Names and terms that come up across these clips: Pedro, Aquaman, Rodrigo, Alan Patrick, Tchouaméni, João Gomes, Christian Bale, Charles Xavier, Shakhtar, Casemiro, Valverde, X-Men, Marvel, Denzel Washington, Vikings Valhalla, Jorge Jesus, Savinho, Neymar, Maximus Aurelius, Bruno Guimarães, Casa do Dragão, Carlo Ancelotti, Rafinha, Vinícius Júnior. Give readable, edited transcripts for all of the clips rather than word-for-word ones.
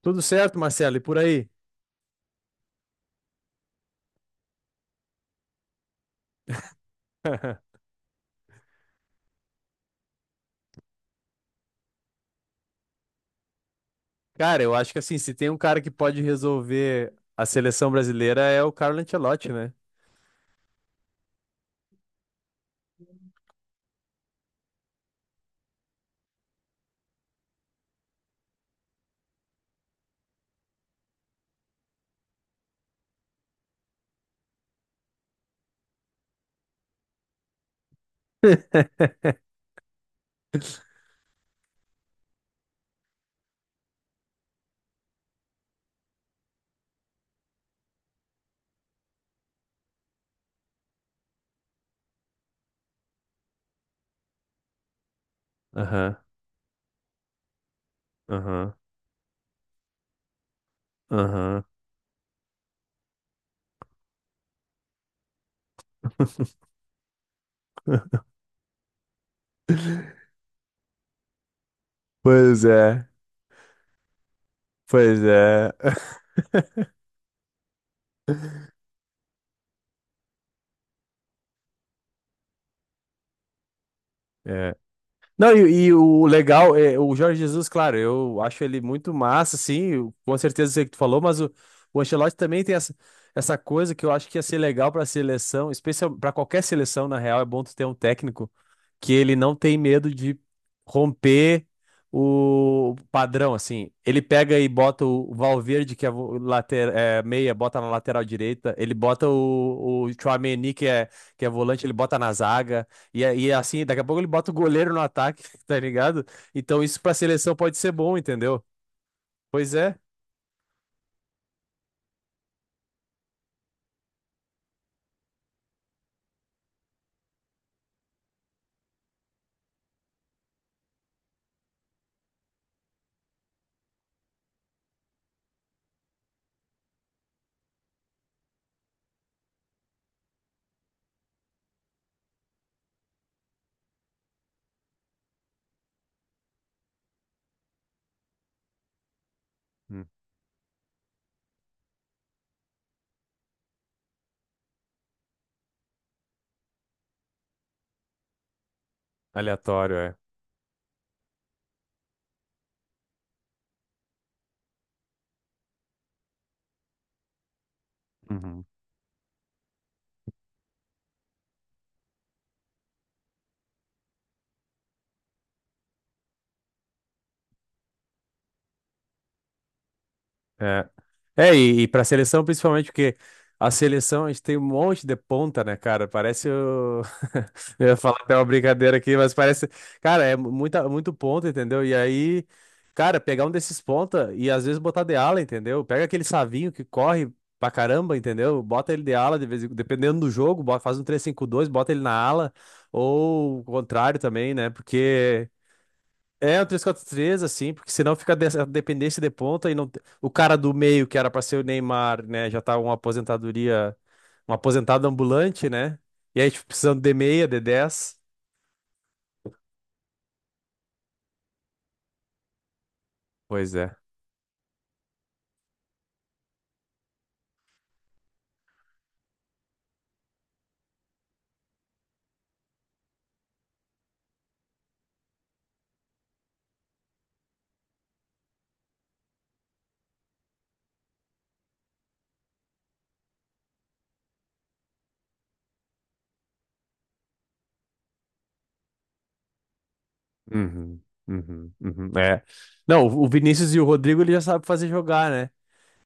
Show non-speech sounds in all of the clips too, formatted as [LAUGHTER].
Tudo certo, Marcelo, e por aí? Cara, eu acho que assim, se tem um cara que pode resolver a seleção brasileira é o Carlo Ancelotti, né? [LAUGHS] Aham, aham, aham. [LAUGHS] Pois é, pois é. [LAUGHS] É. Não, e o legal é o Jorge Jesus, claro, eu acho ele muito massa, sim, com certeza sei o que tu falou, mas o Ancelotti também tem essa coisa que eu acho que ia ser legal para seleção, especial para qualquer seleção, na real, é bom tu ter um técnico que ele não tem medo de romper o padrão, assim. Ele pega e bota o Valverde, que é o later, é, meia, bota na lateral direita, ele bota o Tchouaméni, que é volante, ele bota na zaga. E assim, daqui a pouco ele bota o goleiro no ataque, [LAUGHS] tá ligado? Então isso pra seleção pode ser bom, entendeu? Pois é. Hum, Aleatório, é. Uhum. É, é e para seleção principalmente porque a seleção a gente tem um monte de ponta, né, cara? Parece. Eu ia falar até uma brincadeira aqui, mas parece. Cara, é muita, muito ponto, entendeu? E aí, cara, pegar um desses ponta e às vezes botar de ala, entendeu? Pega aquele Savinho que corre pra caramba, entendeu? Bota ele de ala, dependendo do jogo, faz um 3-5-2, bota ele na ala, ou o contrário também, né? Porque. É um 3-4-3 assim, porque senão fica dessa dependência de ponta e não. O cara do meio, que era pra ser o Neymar, né? Já tá uma aposentadoria. Um aposentado ambulante, né? E aí, tipo, precisando de meia, de 10. Pois é. Uhum, uhum, uhum. É. Não, o Vinícius e o Rodrigo ele já sabe fazer jogar, né?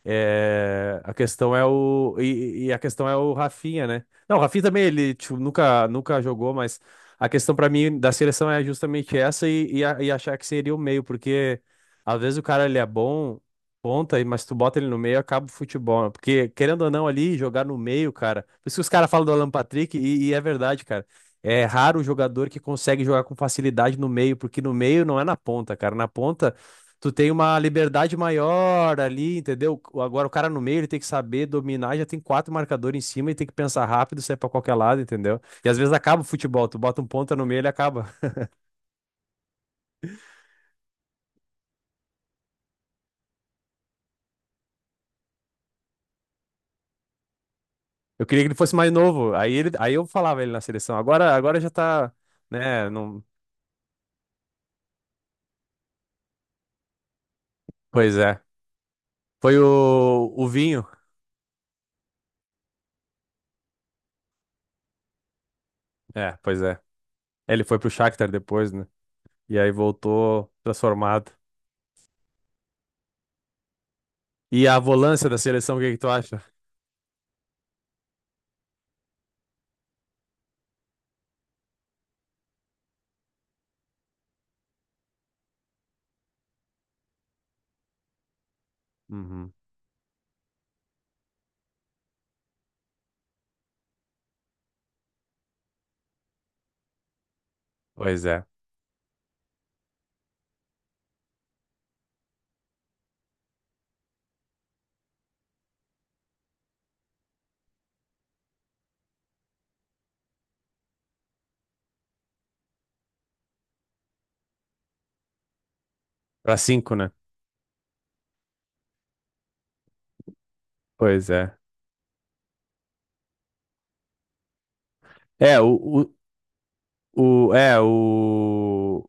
É, a questão é o Rafinha, né? Não, o Rafinha também ele tipo, nunca nunca jogou, mas a questão pra mim da seleção é justamente essa e achar que seria o meio, porque às vezes o cara ele é bom ponta, mas tu bota ele no meio acaba o futebol, né? porque querendo ou não ali jogar no meio, cara. Por isso que os caras falam do Alan Patrick e é verdade, cara. É raro o jogador que consegue jogar com facilidade no meio, porque no meio não é na ponta, cara. Na ponta, tu tem uma liberdade maior ali, entendeu? Agora o cara no meio, ele tem que saber dominar, já tem quatro marcadores em cima e tem que pensar rápido, sair pra qualquer lado, entendeu? E às vezes acaba o futebol, tu bota um ponta no meio, ele acaba. Eu queria que ele fosse mais novo, aí, aí eu falava ele na seleção. Agora já tá, né, não. Pois é. Foi o Vinho. É, pois é. Ele foi pro Shakhtar depois, né? E aí voltou transformado. E a volância da seleção, o que que tu acha? Uhum. Pois é. Pra cinco, né? Pois é. É, o, O, é, o,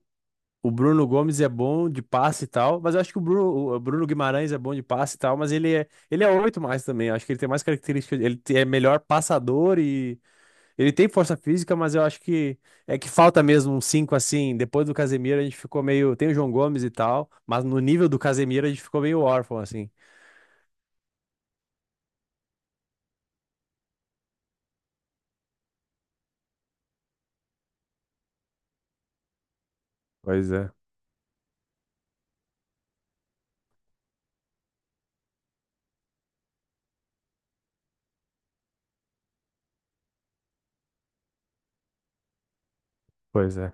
o Bruno Gomes é bom de passe e tal, mas eu acho que o Bruno Guimarães é bom de passe e tal, mas ele é oito mais também. Eu acho que ele tem mais características, ele é melhor passador e ele tem força física, mas eu acho que é que falta mesmo um cinco assim. Depois do Casemiro a gente ficou meio, tem o João Gomes e tal, mas no nível do Casemiro a gente ficou meio órfão assim. Pois é, pois é.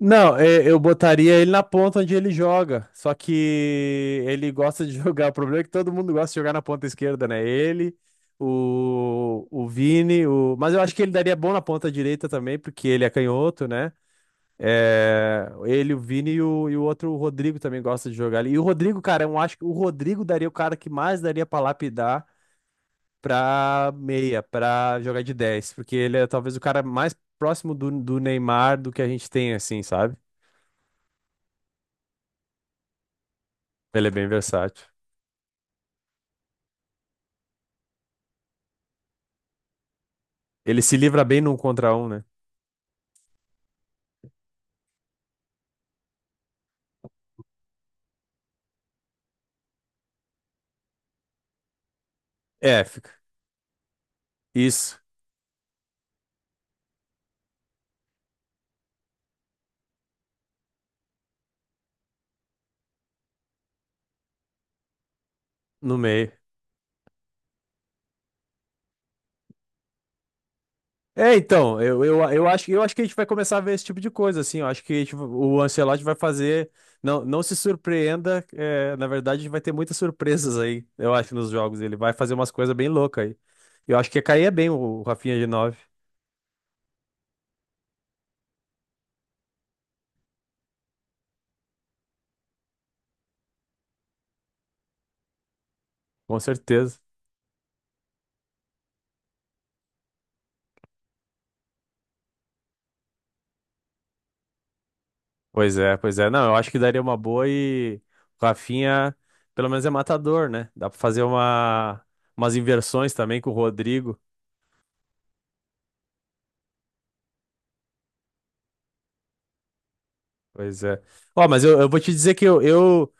Não, é, eu botaria ele na ponta onde ele joga. Só que ele gosta de [LAUGHS] jogar. O problema é que todo mundo gosta de jogar na ponta esquerda, né? Ele, o Vini, o... mas eu acho que ele daria bom na ponta direita também, porque ele é canhoto, né? É, ele, o Vini e e o outro, o Rodrigo também gosta de jogar ali. E o Rodrigo, cara, eu acho que o Rodrigo daria o cara que mais daria pra lapidar pra meia, pra jogar de 10, porque ele é talvez o cara mais próximo do Neymar do que a gente tem, assim, sabe? Ele é bem versátil. Ele se livra bem num contra um, né? É, fica. Isso, no meio. É, então, eu acho que a gente vai começar a ver esse tipo de coisa, assim. Eu acho que o Ancelotti vai fazer. Não, não se surpreenda. É, na verdade, vai ter muitas surpresas aí, eu acho, nos jogos. Ele vai fazer umas coisas bem loucas aí. Eu acho que caía bem o Rafinha de nove, com certeza. Pois é, pois é. Não, eu acho que daria uma boa e o Rafinha, pelo menos é matador, né? Dá pra fazer uma, umas inversões também com o Rodrigo. Pois é. Ó, mas eu vou te dizer que eu, eu,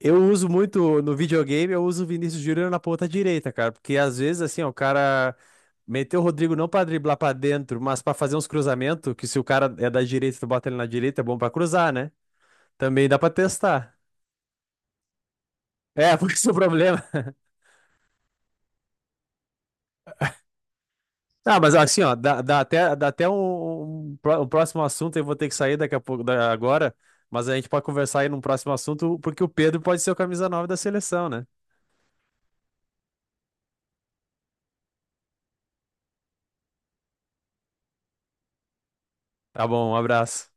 eu uso muito no videogame, eu uso o Vinícius Júnior na ponta direita, cara. Porque às vezes, assim, ó, o cara meteu o Rodrigo não pra driblar pra dentro, mas pra fazer uns cruzamentos, que se o cara é da direita, tu bota ele na direita, é bom pra cruzar, né? Também dá pra testar. É, [LAUGHS] porque esse é o problema. Ah, mas assim, ó, dá até um próximo assunto, eu vou ter que sair daqui a pouco, agora, mas a gente pode conversar aí num próximo assunto, porque o Pedro pode ser o camisa 9 da seleção, né? Tá bom, um abraço.